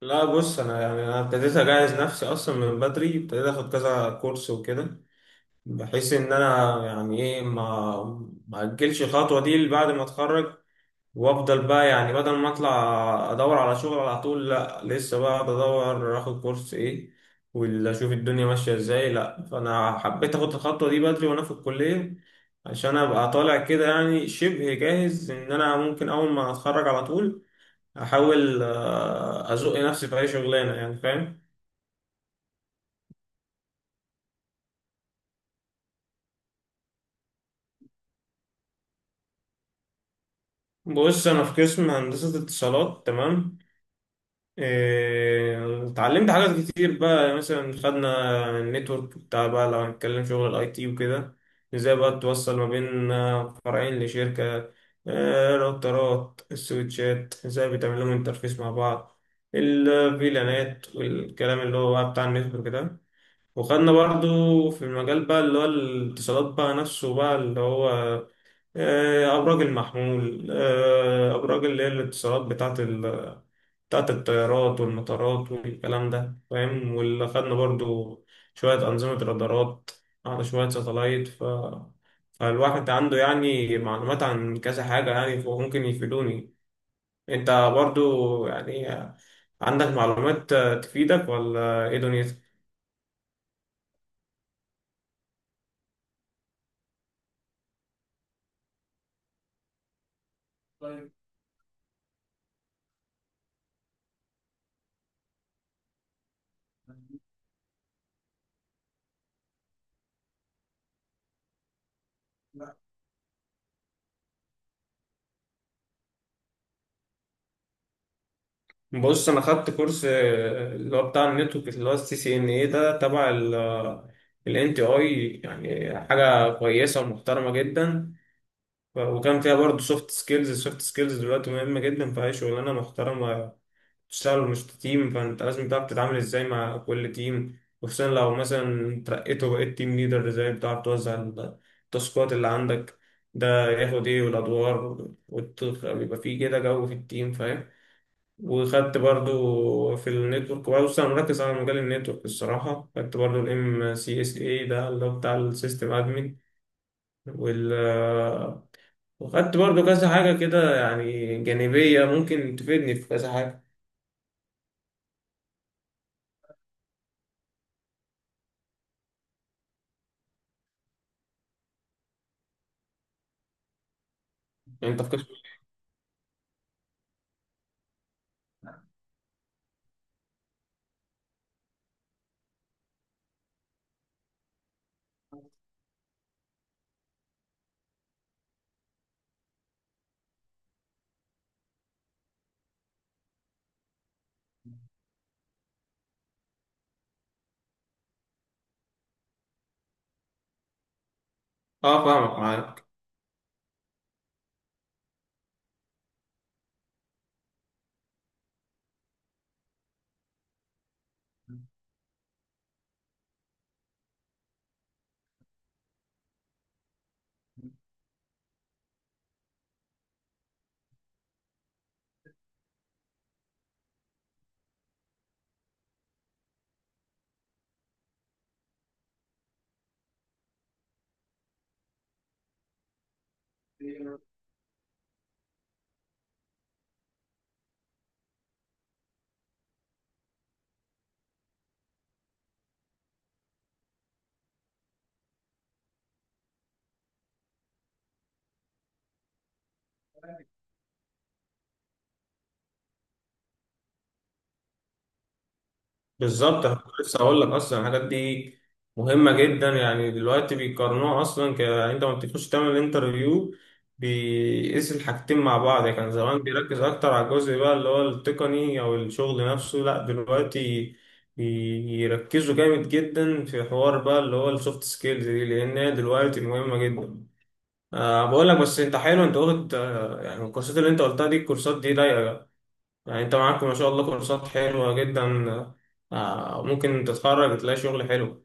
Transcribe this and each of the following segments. لا، بص، انا يعني انا ابتديت اجهز نفسي اصلا من بدري. ابتديت اخد كذا كورس وكده، بحيث ان انا يعني ايه ما اجلش الخطوه دي اللي بعد ما اتخرج. وافضل بقى، يعني بدل ما اطلع ادور على شغل على طول، لا لسه بقى بدور اخد كورس ايه ولا اشوف الدنيا ماشيه ازاي. لا، فانا حبيت اخد الخطوه دي بدري وانا في الكليه، عشان ابقى طالع كده يعني شبه جاهز ان انا ممكن اول ما اتخرج على طول احاول ازق نفسي في اي شغلانه، يعني فاهم. بص، انا في قسم هندسه اتصالات، تمام. إيه، اتعلمت حاجات كتير بقى. مثلا خدنا النتورك بتاع بقى، لو هنتكلم شغل الـIT وكده، ازاي بقى توصل ما بين فرعين لشركه. راوترات السويتشات ازاي بتعمل لهم انترفيس مع بعض، الفيلانات والكلام اللي هو بقى بتاع النتورك ده. وخدنا برضو في المجال بقى اللي هو الاتصالات بقى نفسه، بقى اللي هو أبراج المحمول، أبراج اللي هي الاتصالات بتاعة بتاعة الطيارات والمطارات والكلام ده، فاهم. واللي خدنا برضو شوية أنظمة رادارات، على شوية ساتلايت. فالواحد عنده يعني معلومات عن كذا حاجة، يعني فممكن يفيدوني. أنت برضو يعني عندك معلومات تفيدك ولا إيه دنيتك؟ بص، انا خدت كورس اللي هو بتاع النتورك اللي هو الـCCNA ده، تبع الـNTI. يعني حاجه كويسه ومحترمه جدا. وكان فيها برضه سوفت سكيلز. السوفت سكيلز دلوقتي مهمه جدا في اي شغلانه محترمه تشتغل. مش تيم، فانت لازم تعرف تتعامل ازاي مع كل تيم، وخصوصا لو مثلا ترقيت وبقيت تيم ليدر، ازاي بتعرف توزع التاسكات اللي عندك، ده ياخد ايه والادوار، ويبقى فيه كده جو في التيم، فاهم. وخدت برضو في النتورك. بص، انا مركز على مجال النتورك الصراحه. خدت برضو الـMCSA ده اللي هو بتاع السيستم ادمن وال وخدت برضو كذا حاجه كده، يعني جانبيه، ممكن تفيدني في كذا حاجه. يعني انت في قسم. اه، فاهمك معاك. بالظبط، أنا كنت لسه هقول لك اصلا الحاجات دي مهمه جدا. يعني دلوقتي بيقارنوها اصلا، يعني انت ما بتخش تعمل انترفيو، بيقيس الحاجتين مع بعض. يعني كان زمان بيركز اكتر على الجزء بقى اللي هو التقني او الشغل نفسه، لا دلوقتي بيركزوا جامد جدا في حوار بقى اللي هو السوفت سكيلز دي، لان هي دلوقتي مهمه جدا. أه، بقول لك بس انت حلو، انت قلت، يعني الكورسات اللي انت قلتها دي، الكورسات دي ضايقه. يعني انت معاك ما شاء الله كورسات حلوة جدا. آه، ممكن تتخرج تلاقي شغل حلو.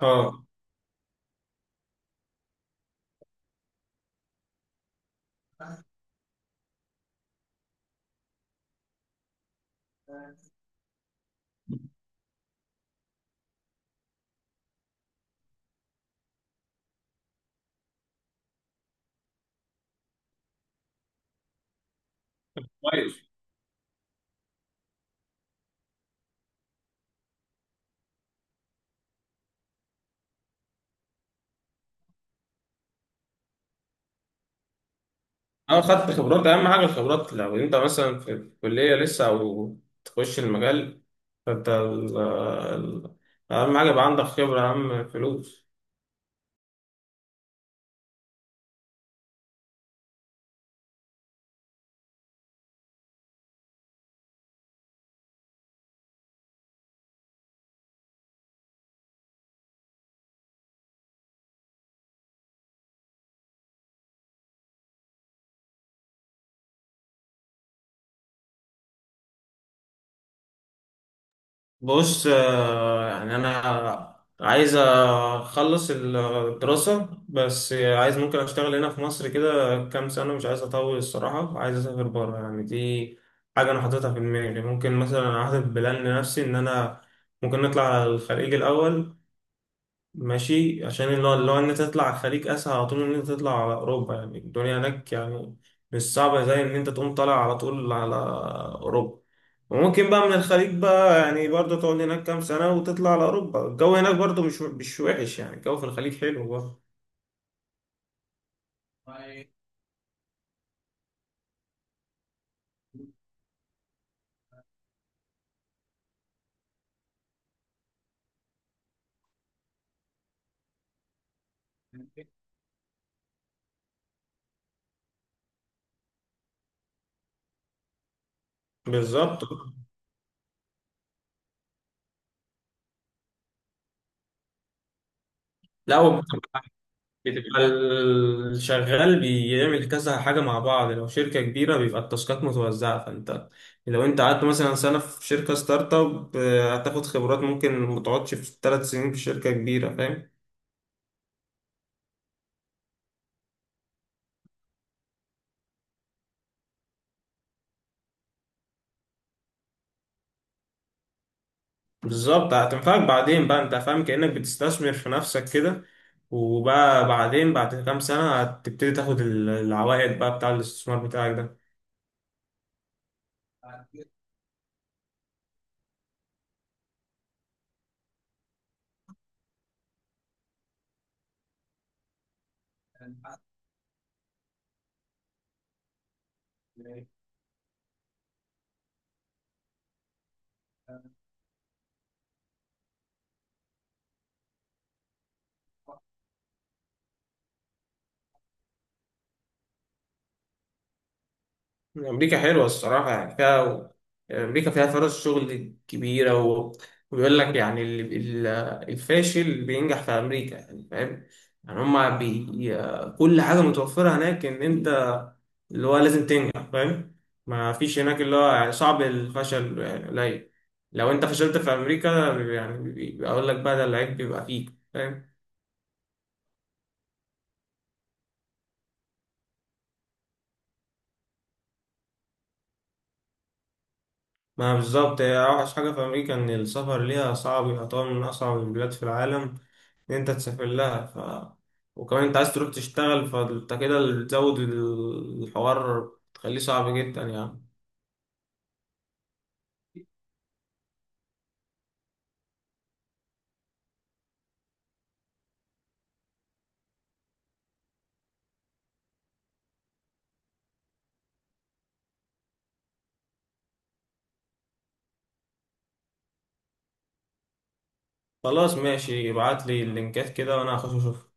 اه، كويس. اه، خدت خبرات. اهم حاجة الخبرات. لو انت مثلا في كلية لسه او تخش المجال، فانت اهم حاجة يبقى عندك خبرة اهم فلوس. بص، يعني انا عايز اخلص الدراسة، بس عايز ممكن اشتغل هنا في مصر كده كام سنة، مش عايز اطول الصراحة، عايز اسافر بره. يعني دي حاجة انا حاططها في دماغي. ممكن مثلا احدد بلان لنفسي ان انا ممكن نطلع على الخليج الاول. ماشي، عشان اللي هو ان انت تطلع على الخليج اسهل على طول من ان انت تطلع على اوروبا. يعني الدنيا هناك يعني مش صعبه زي ان انت تقوم طالع على طول على اوروبا. وممكن بقى من الخليج بقى، يعني برضه تقعد هناك كام سنه وتطلع على اوروبا. الجو هناك برضه مش وحش. يعني الجو في الخليج حلو برضه. بالظبط. لا، بتبقى الشغال بيعمل كذا حاجة مع بعض. لو شركة كبيرة بيبقى التاسكات متوزعة. فانت لو انت قعدت مثلا سنة في شركة ستارت اب، هتاخد خبرات ممكن متقعدش في 3 سنين في شركة كبيرة، فاهم. بالظبط، هتنفعك بعدين بقى، انت فاهم، كأنك بتستثمر في نفسك كده. وبقى بعدين بعد كام سنة هتبتدي تاخد العوائد بقى بتاع الاستثمار بتاعك ده. أمريكا حلوة الصراحة، يعني فيها. أمريكا فيها فرص شغل كبيرة وبيقول لك يعني، ال- الفاشل بينجح في أمريكا، يعني فاهم. يعني هما كل حاجة متوفرة هناك، إن أنت اللي هو لازم تنجح، فاهم. ما فيش هناك اللي هو يعني صعب. الفشل يعني قليل. لو أنت فشلت في أمريكا، يعني أقول لك بقى ده العيب بيبقى فيك، فاهم. ما بالظبط، هي أوحش حاجة في أمريكا إن السفر ليها صعب. يعتبر من أصعب البلاد في العالم ان انت تسافر لها. وكمان انت عايز تروح تشتغل، فانت كده بتزود الحوار، تخليه صعب جدا يعني. خلاص، ماشي، ابعت لي اللينكات كده وانا هخش اشوف.